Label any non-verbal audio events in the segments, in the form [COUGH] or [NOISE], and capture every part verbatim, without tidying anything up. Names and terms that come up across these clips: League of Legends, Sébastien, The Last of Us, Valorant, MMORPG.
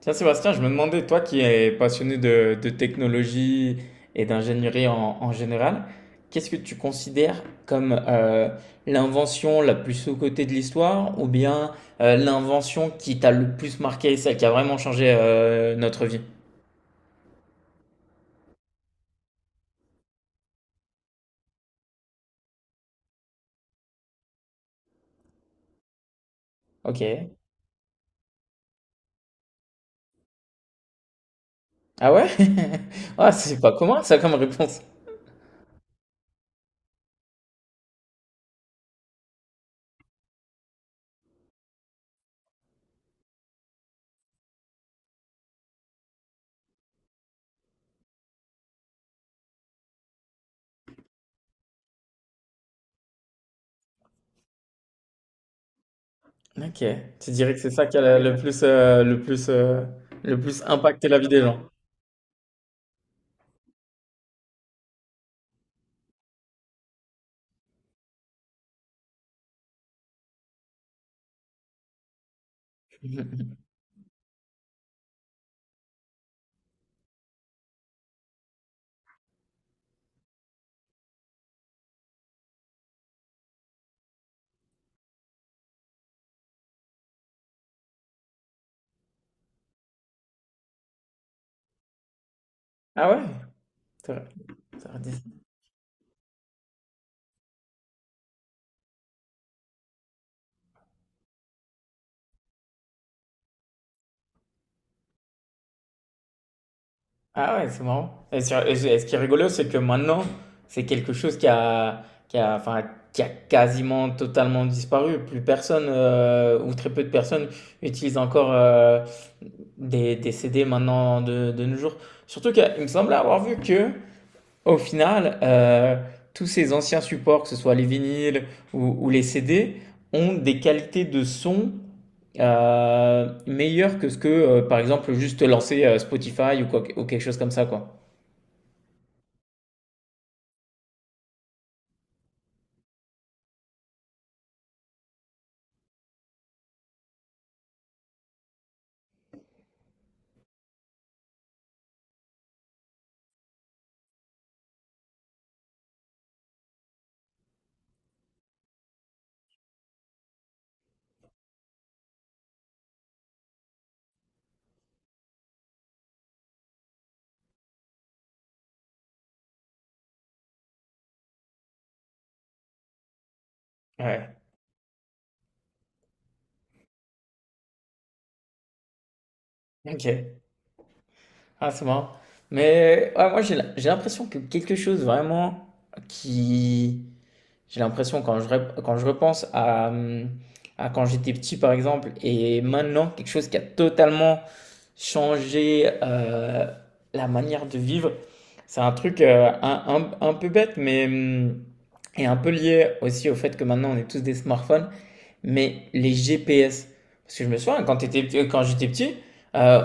Tiens, Sébastien, je me demandais, toi qui es passionné de, de technologie et d'ingénierie en, en général, qu'est-ce que tu considères comme euh, l'invention la plus sous-cotée de l'histoire ou bien euh, l'invention qui t'a le plus marqué, celle qui a vraiment changé euh, notre vie? Ok. Ah ouais? [LAUGHS] Ah, c'est pas commun ça comme réponse. Ok. Tu dirais que c'est ça qui a le le plus, euh, le plus, euh, le plus impacté la vie des gens. [LAUGHS] Ah ouais? T'aurais- T'aurais dit… Ah ouais, c'est marrant. Et, sur- et ce et ce qui est rigolo, c'est que maintenant, c'est quelque chose qui a, qui a, enfin, qui a quasiment totalement disparu. Plus personne, euh, ou très peu de personnes, utilisent encore euh, des, des C D maintenant de, de nos jours. Surtout qu'il me semblait avoir vu que au final, euh, tous ces anciens supports, que ce soit les vinyles ou, ou les C D, ont des qualités de son euh, meilleures que ce que, euh, par exemple, juste lancer euh, Spotify ou, quoi- ou quelque chose comme ça, quoi. Ouais, ok. Ah, c'est marrant. Mais ouais, moi, j'ai la- j'ai l'impression que quelque chose vraiment qui, j'ai l'impression quand je, rep- quand je repense à, hum, à quand j'étais petit par exemple et maintenant quelque chose qui a totalement changé euh, la manière de vivre. C'est un truc euh, un, un- un peu bête mais hum, est un peu lié aussi au fait que maintenant on est tous des smartphones mais les G P S. Parce que je me souviens, quand t'étais- quand j'étais petit, euh,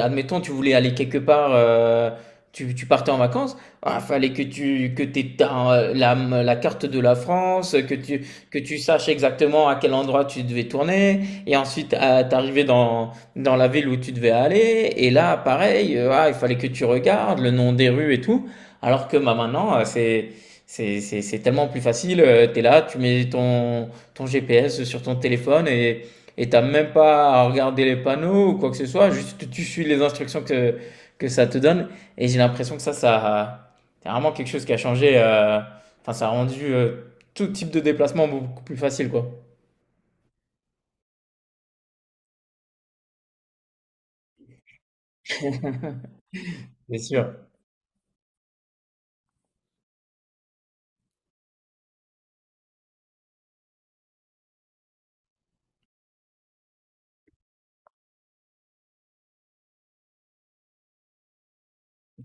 admettons, tu voulais aller quelque part, euh, tu, tu partais en vacances, il fallait que tu que t'aies ta- euh, la, la carte de la France, que tu, que tu saches exactement à quel endroit tu devais tourner, et ensuite euh, t'arrivais dans, dans la ville où tu devais aller, et là, pareil, euh, ah, il fallait que tu regardes le nom des rues et tout, alors que bah, maintenant, euh, c'est… C'est c'est- c'est tellement plus facile, tu es là, tu mets ton, ton G P S sur ton téléphone et et t'as même pas à regarder les panneaux ou quoi que ce soit, juste tu suis les instructions que que ça te donne et j'ai l'impression que ça ça c'est vraiment quelque chose qui a changé euh, enfin ça a rendu euh, tout type de déplacement beaucoup plus facile quoi. C'est sûr.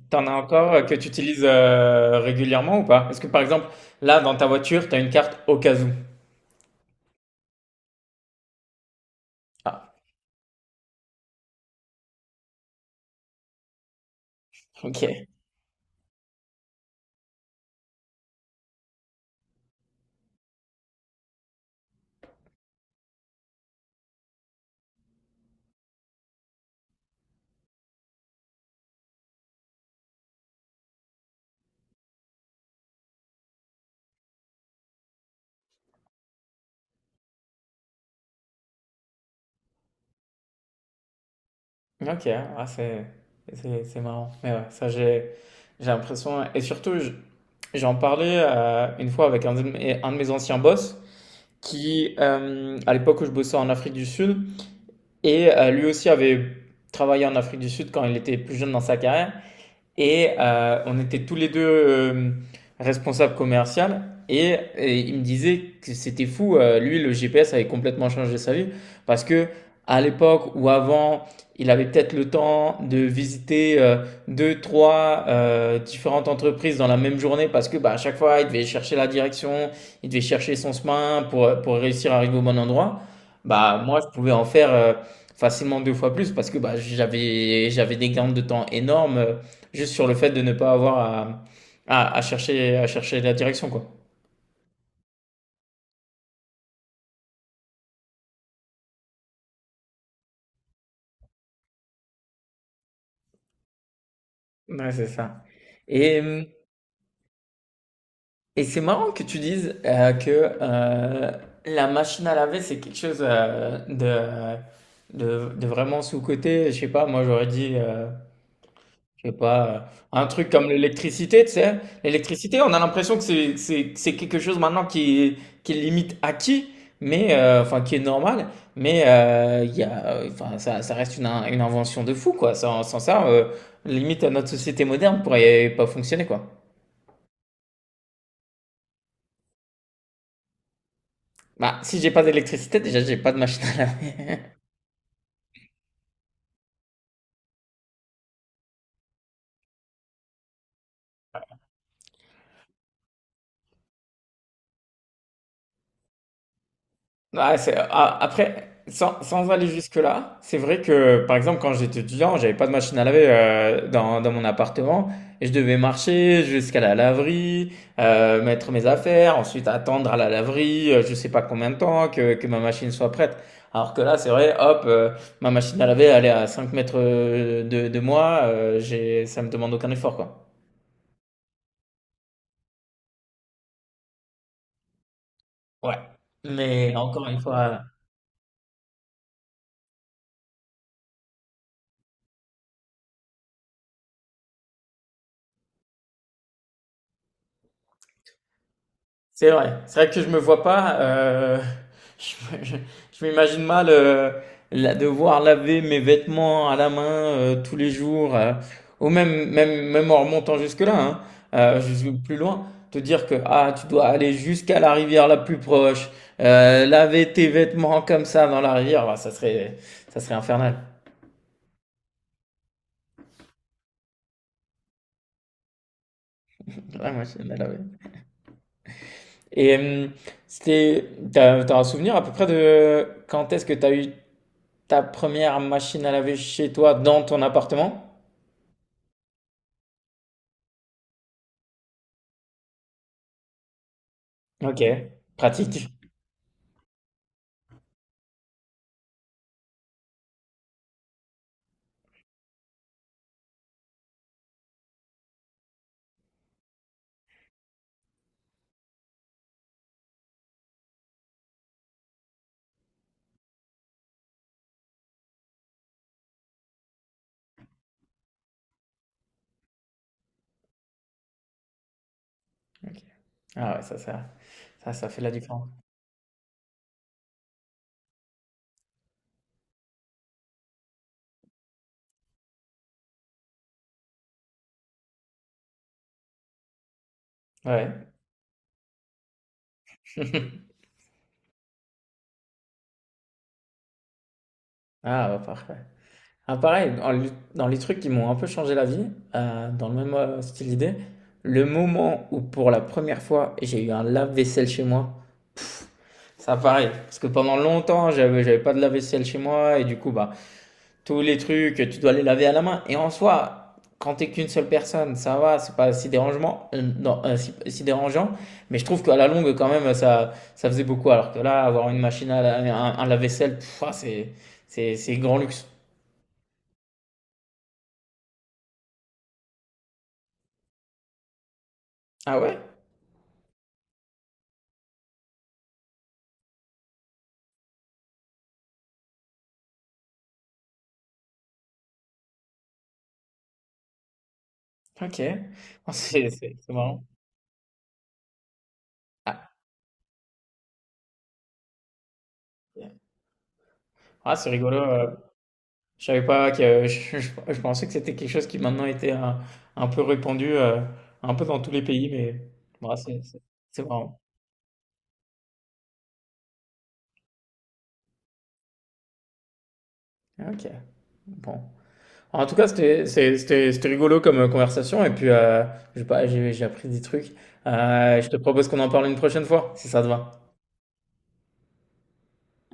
T'en as encore euh, que tu utilises euh, régulièrement ou pas? Est-ce que par exemple là dans ta voiture, t'as une carte au cas où? Ah, OK. OK, ah c'est c'est c'est marrant. Mais ouais, ça j'ai j'ai l'impression et surtout je- j'en parlais euh, une fois avec un de mes, un de mes anciens boss qui euh, à l'époque où je bossais en Afrique du Sud et euh, lui aussi avait travaillé en Afrique du Sud quand il était plus jeune dans sa carrière et euh, on était tous les deux euh, responsables commerciaux. Et, et il me disait que c'était fou. euh, lui, le G P S avait complètement changé sa vie parce que à l'époque ou avant, il avait peut-être le temps de visiter euh, deux, trois euh, différentes entreprises dans la même journée parce que bah, à chaque fois, il devait chercher la direction, il devait chercher son chemin pour, pour réussir à arriver au bon endroit. Bah, moi, je pouvais en faire euh, facilement deux fois plus parce que bah, j'avais, j'avais des gains de temps énormes euh, juste sur le fait de ne pas avoir à, à, à chercher, à chercher la direction, quoi. Ouais, c'est ça. Et, et c'est marrant que tu dises euh, que euh, la machine à laver, c'est quelque chose euh, de, de, de vraiment sous-coté. Je sais pas, moi j'aurais dit euh, je sais pas, euh, un truc comme l'électricité, tu sais. L'électricité, on a l'impression que c'est c'est- c'est quelque chose maintenant qui est, qui est limite acquis, mais euh, enfin qui est normal, mais euh, il y a, euh, enfin, ça, ça reste une, in- une invention de fou, quoi. Sans, sans ça, euh, limite notre société moderne pourrait pas fonctionner, quoi. Bah, si j'ai pas d'électricité, déjà j'ai pas de machine à laver. Ah, c'est- ah, après, sans, sans aller jusque-là, c'est vrai que, par exemple, quand j'étais étudiant, j'avais pas de machine à laver euh, dans, dans mon appartement et je devais marcher jusqu'à la laverie, euh, mettre mes affaires, ensuite attendre à la laverie, euh, je sais pas combien de temps, que, que ma machine soit prête. Alors que là, c'est vrai, hop, euh, ma machine à laver, elle est à cinq mètres euh, de, de moi, euh, j'ai, ça me demande aucun effort, quoi. Ouais. Mais encore une fois. C'est vrai. C'est vrai que je me vois pas. euh, [LAUGHS] je me- je- je m'imagine mal euh, la, devoir laver mes vêtements à la main euh, tous les jours, euh, ou même, même, même en remontant jusque-là, hein, euh, jusque plus loin, te dire que ah, tu dois aller jusqu'à la rivière la plus proche, euh, laver tes vêtements comme ça dans la rivière, bah, ça serait, ça serait infernal. Ouais, moi, j'aime bien laver. Et hum, c'était, t'as, t'as un souvenir à peu près de quand est-ce que t'as eu ta première machine à laver chez toi dans ton appartement? Ok, pratique. Ok. Ah ouais, ça, ça, ça, ça fait la différence. Ouais. [LAUGHS] Ah, bah, parfait. Ah, pareil, dans le- dans les trucs qui m'ont un peu changé la vie, euh, dans le même euh, style d'idée, le moment où pour la première fois j'ai eu un lave-vaisselle chez moi, ça pareil, parce que pendant longtemps j'avais j'avais pas de lave-vaisselle chez moi et du coup bah tous les trucs, tu dois les laver à la main. Et en soi, quand t'es qu'une seule personne, ça va, c'est pas si dérangeant, euh, non, euh, si, si dérangeant. Mais je trouve qu'à la longue, quand même, ça, ça faisait beaucoup. Alors que là, avoir une machine à laver, un, un lave-vaisselle, pff, ah, c'est, c'est, c'est grand luxe. Ah ouais? Ok. [LAUGHS] Ah, C'est, c'est, c'est marrant. Ah, Ah, c'est rigolo. euh, Je savais pas que, [LAUGHS] je, je- je pensais que c'était quelque chose qui maintenant était un, un peu répandu, euh, un peu dans tous les pays, mais bah, c'est, c'est c'est marrant. Ok. Bon. En tout cas, c'était c'est- c'était- c'était rigolo comme euh, conversation. Et puis, euh, je sais pas, j'ai j'ai appris des trucs. Euh, je te propose qu'on en parle une prochaine fois, si ça te va.